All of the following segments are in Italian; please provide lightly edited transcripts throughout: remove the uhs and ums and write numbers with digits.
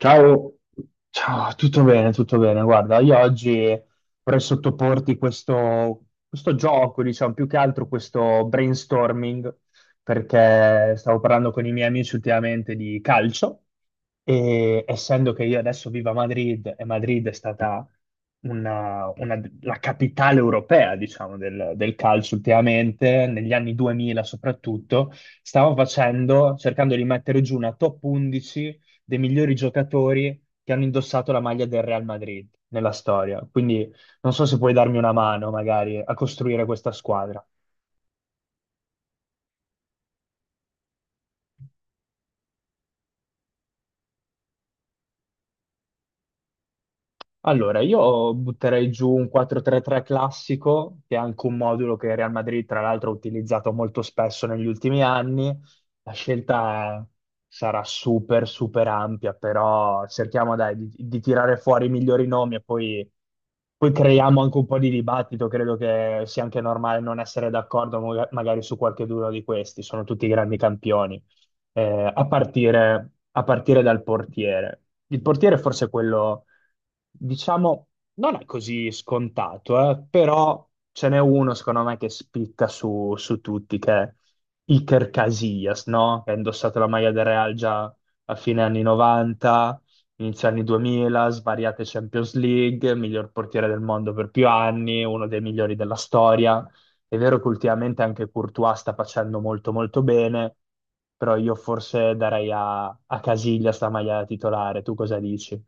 Ciao, ciao, tutto bene, tutto bene. Guarda, io oggi vorrei sottoporti questo gioco, diciamo, più che altro questo brainstorming, perché stavo parlando con i miei amici ultimamente di calcio e essendo che io adesso vivo a Madrid e Madrid è stata la capitale europea, diciamo, del calcio ultimamente, negli anni 2000 soprattutto, stavo facendo, cercando di mettere giù una top 11 dei migliori giocatori che hanno indossato la maglia del Real Madrid nella storia. Quindi non so se puoi darmi una mano magari a costruire questa squadra. Allora, io butterei giù un 4-3-3 classico, che è anche un modulo che il Real Madrid, tra l'altro, ha utilizzato molto spesso negli ultimi anni. La scelta sarà super, super ampia, però cerchiamo, dai, di tirare fuori i migliori nomi e poi creiamo anche un po' di dibattito. Credo che sia anche normale non essere d'accordo magari su qualche uno di questi, sono tutti grandi campioni. A partire dal portiere. Il portiere è forse quello, diciamo, non è così scontato, però ce n'è uno secondo me che spicca su tutti, che è Iker Casillas, no? Che ha indossato la maglia del Real già a fine anni 90, inizio anni 2000, svariate Champions League, miglior portiere del mondo per più anni, uno dei migliori della storia. È vero che ultimamente anche Courtois sta facendo molto molto bene, però io forse darei a Casillas la maglia da titolare, tu cosa dici?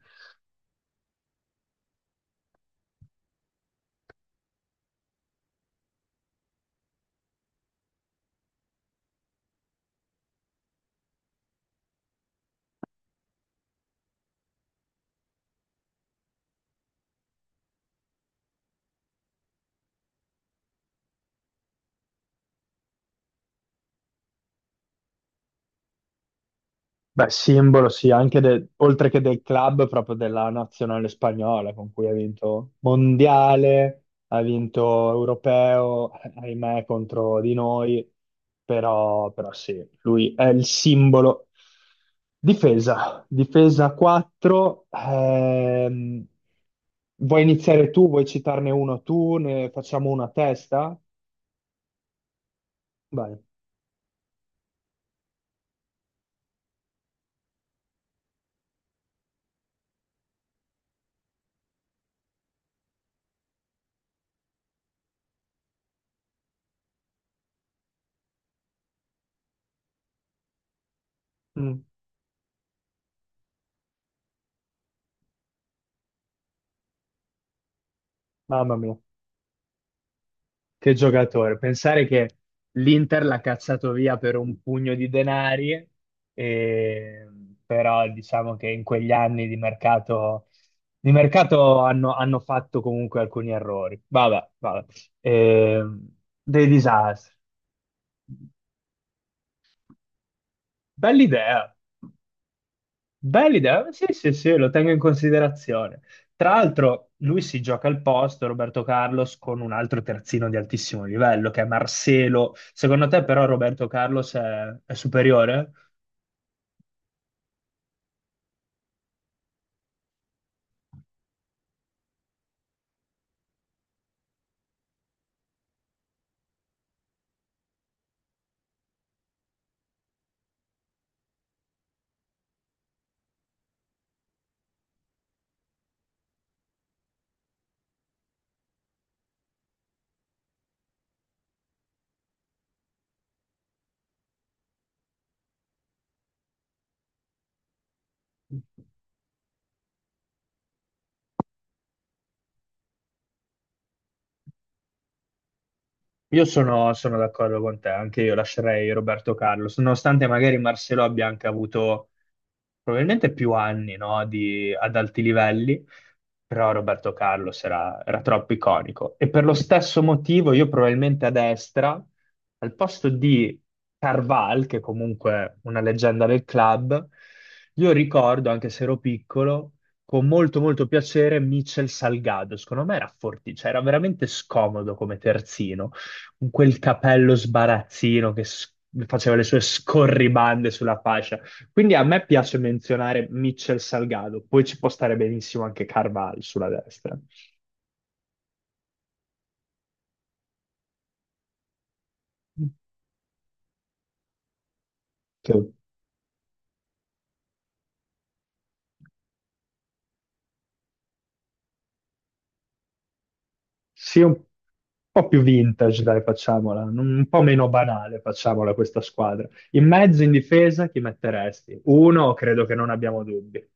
Beh, simbolo, sì, anche oltre che del club, proprio della nazionale spagnola con cui ha vinto mondiale, ha vinto europeo, ahimè, contro di noi, però sì, lui è il simbolo. Difesa, difesa 4, vuoi iniziare tu, vuoi citarne uno tu, ne facciamo una a testa? Vai. Mm, Mamma mia. Che giocatore, pensare che l'Inter l'ha cacciato via per un pugno di denari, e- però diciamo che in quegli anni di mercato hanno fatto comunque alcuni errori. Vabbè, vabbè. Ehm, dei disastri. Bella idea. Bella idea, sì, sì, sì, lo tengo in considerazione. Tra l'altro, lui si gioca al posto, Roberto Carlos, con un altro terzino di altissimo livello, che è Marcelo. Secondo te, però, Roberto Carlos è superiore? Io sono d'accordo con te, anche io lascerei Roberto Carlos, nonostante magari Marcelo abbia anche avuto probabilmente più anni, no, ad alti livelli, però Roberto Carlos era troppo iconico. E per lo stesso motivo io probabilmente a destra, al posto di Carval, che comunque è una leggenda del club, io ricordo, anche se ero piccolo, con molto molto piacere Michel Salgado. Secondo me era forti, cioè era veramente scomodo come terzino, con quel capello sbarazzino che faceva le sue scorribande sulla fascia. Quindi a me piace menzionare Mitchell Salgado, poi ci può stare benissimo anche Carval sulla destra, che sia un po' più vintage, dai, facciamola, un po' meno banale, facciamola questa squadra. In mezzo, in difesa, chi metteresti? Uno, credo che non abbiamo dubbi.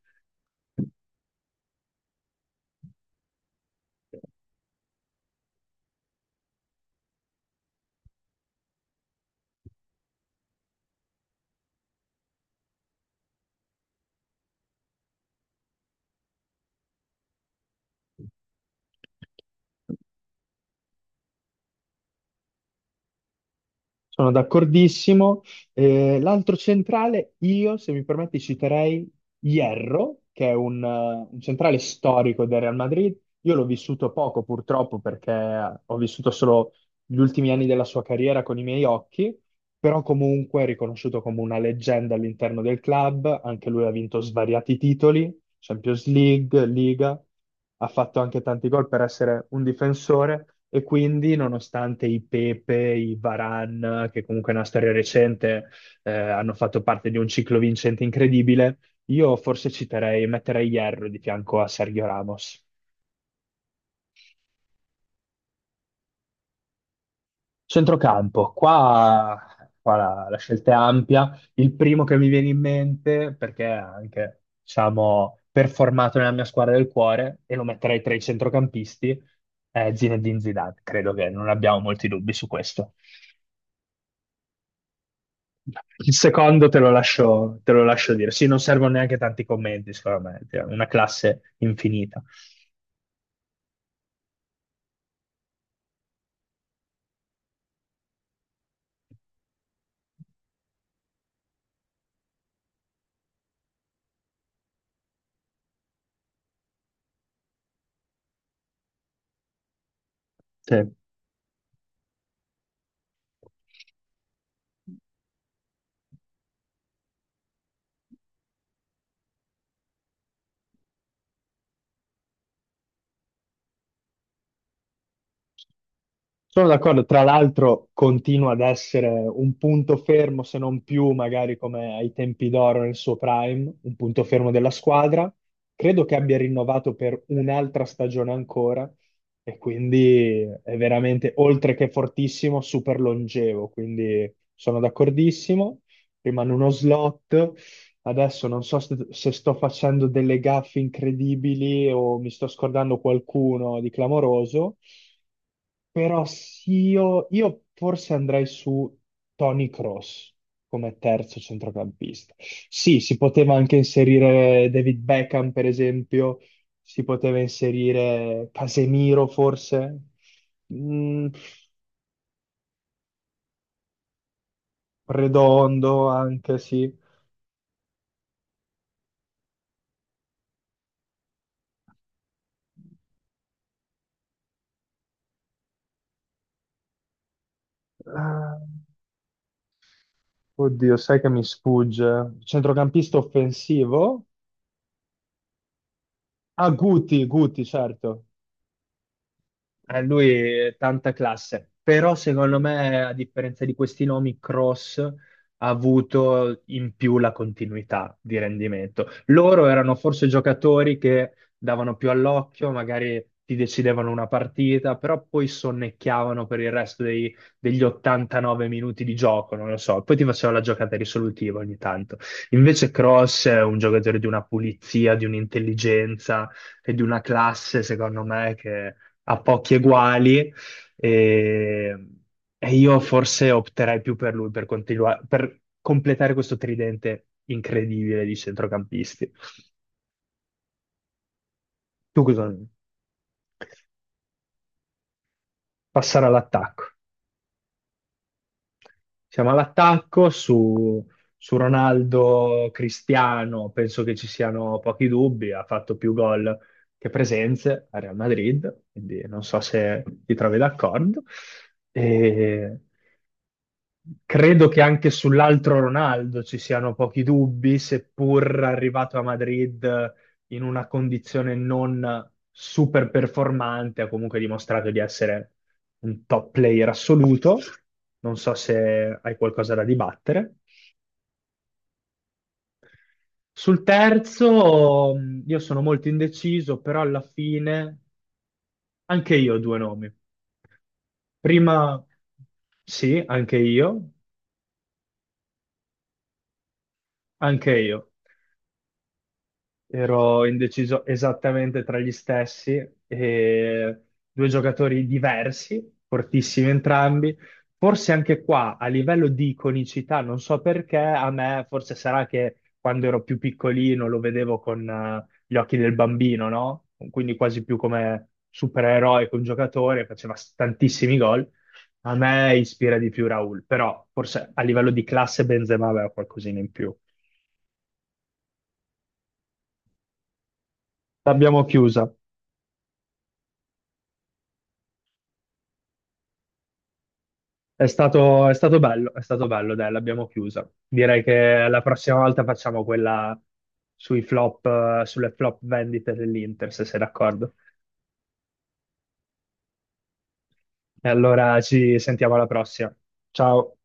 Sono d'accordissimo. L'altro centrale, io, se mi permetti, citerei Hierro, che è un centrale storico del Real Madrid. Io l'ho vissuto poco, purtroppo, perché ho vissuto solo gli ultimi anni della sua carriera con i miei occhi, però comunque è riconosciuto come una leggenda all'interno del club. Anche lui ha vinto svariati titoli, Champions League, Liga, ha fatto anche tanti gol per essere un difensore e quindi nonostante i Pepe, i Varane, che comunque è una storia recente, hanno fatto parte di un ciclo vincente incredibile, io forse citerei, metterei Hierro di fianco a Sergio Ramos. Centrocampo, qua la scelta è ampia. Il primo che mi viene in mente, perché è anche, diciamo, performato nella mia squadra del cuore, e lo metterei tra i centrocampisti, è Zinedine Zidane. Credo che non abbiamo molti dubbi su questo. Il secondo te lo lascio dire. Sì, non servono neanche tanti commenti, secondo me. Cioè, una classe infinita. Sì. Sono d'accordo, tra l'altro continua ad essere un punto fermo, se non più magari come ai tempi d'oro nel suo prime, un punto fermo della squadra. Credo che abbia rinnovato per un'altra stagione ancora e quindi è veramente, oltre che fortissimo, super longevo, quindi sono d'accordissimo. Rimane uno slot. Adesso non so se sto facendo delle gaffe incredibili o mi sto scordando qualcuno di clamoroso. Però sì, io forse andrei su Tony Cross come terzo centrocampista. Sì, si poteva anche inserire David Beckham, per esempio, si poteva inserire Casemiro, forse, Mm, Redondo anche, sì. Ah, oddio, sai che mi sfugge. Centrocampista offensivo? Ah, Guti, Guti, certo. Lui tanta classe, però secondo me, a differenza di questi nomi, Cross ha avuto in più la continuità di rendimento. Loro erano forse giocatori che davano più all'occhio, magari ti decidevano una partita, però poi sonnecchiavano per il resto degli 89 minuti di gioco, non lo so, poi ti faceva la giocata risolutiva ogni tanto. Invece Cross è un giocatore di una pulizia, di un'intelligenza e di una classe, secondo me, a pochi eguali e, e io forse opterei più per lui per continuare, per completare questo tridente incredibile di centrocampisti. Tu cosa? Passare all'attacco. Siamo all'attacco su Ronaldo Cristiano, penso che ci siano pochi dubbi, ha fatto più gol che presenze a Real Madrid, quindi non so se ti trovi d'accordo. E credo che anche sull'altro Ronaldo ci siano pochi dubbi, seppur arrivato a Madrid in una condizione non super performante, ha comunque dimostrato di essere un top player assoluto. Non so se hai qualcosa da dibattere. Sul terzo, io sono molto indeciso, però alla fine anche io ho due nomi. Prima, sì, anche io, anche io. Ero indeciso esattamente tra gli stessi, e due giocatori diversi, fortissimi entrambi. Forse anche qua, a livello di iconicità, non so perché, a me forse sarà che quando ero più piccolino lo vedevo con gli occhi del bambino, no? Quindi quasi più come supereroe che un giocatore, faceva tantissimi gol. A me ispira di più Raul, però forse a livello di classe Benzema aveva qualcosina in più. L'abbiamo chiusa. È stato bello, è stato bello, dai, l'abbiamo chiusa. Direi che la prossima volta facciamo quella sui flop, sulle flop vendite dell'Inter, se sei d'accordo. E allora ci sentiamo alla prossima. Ciao.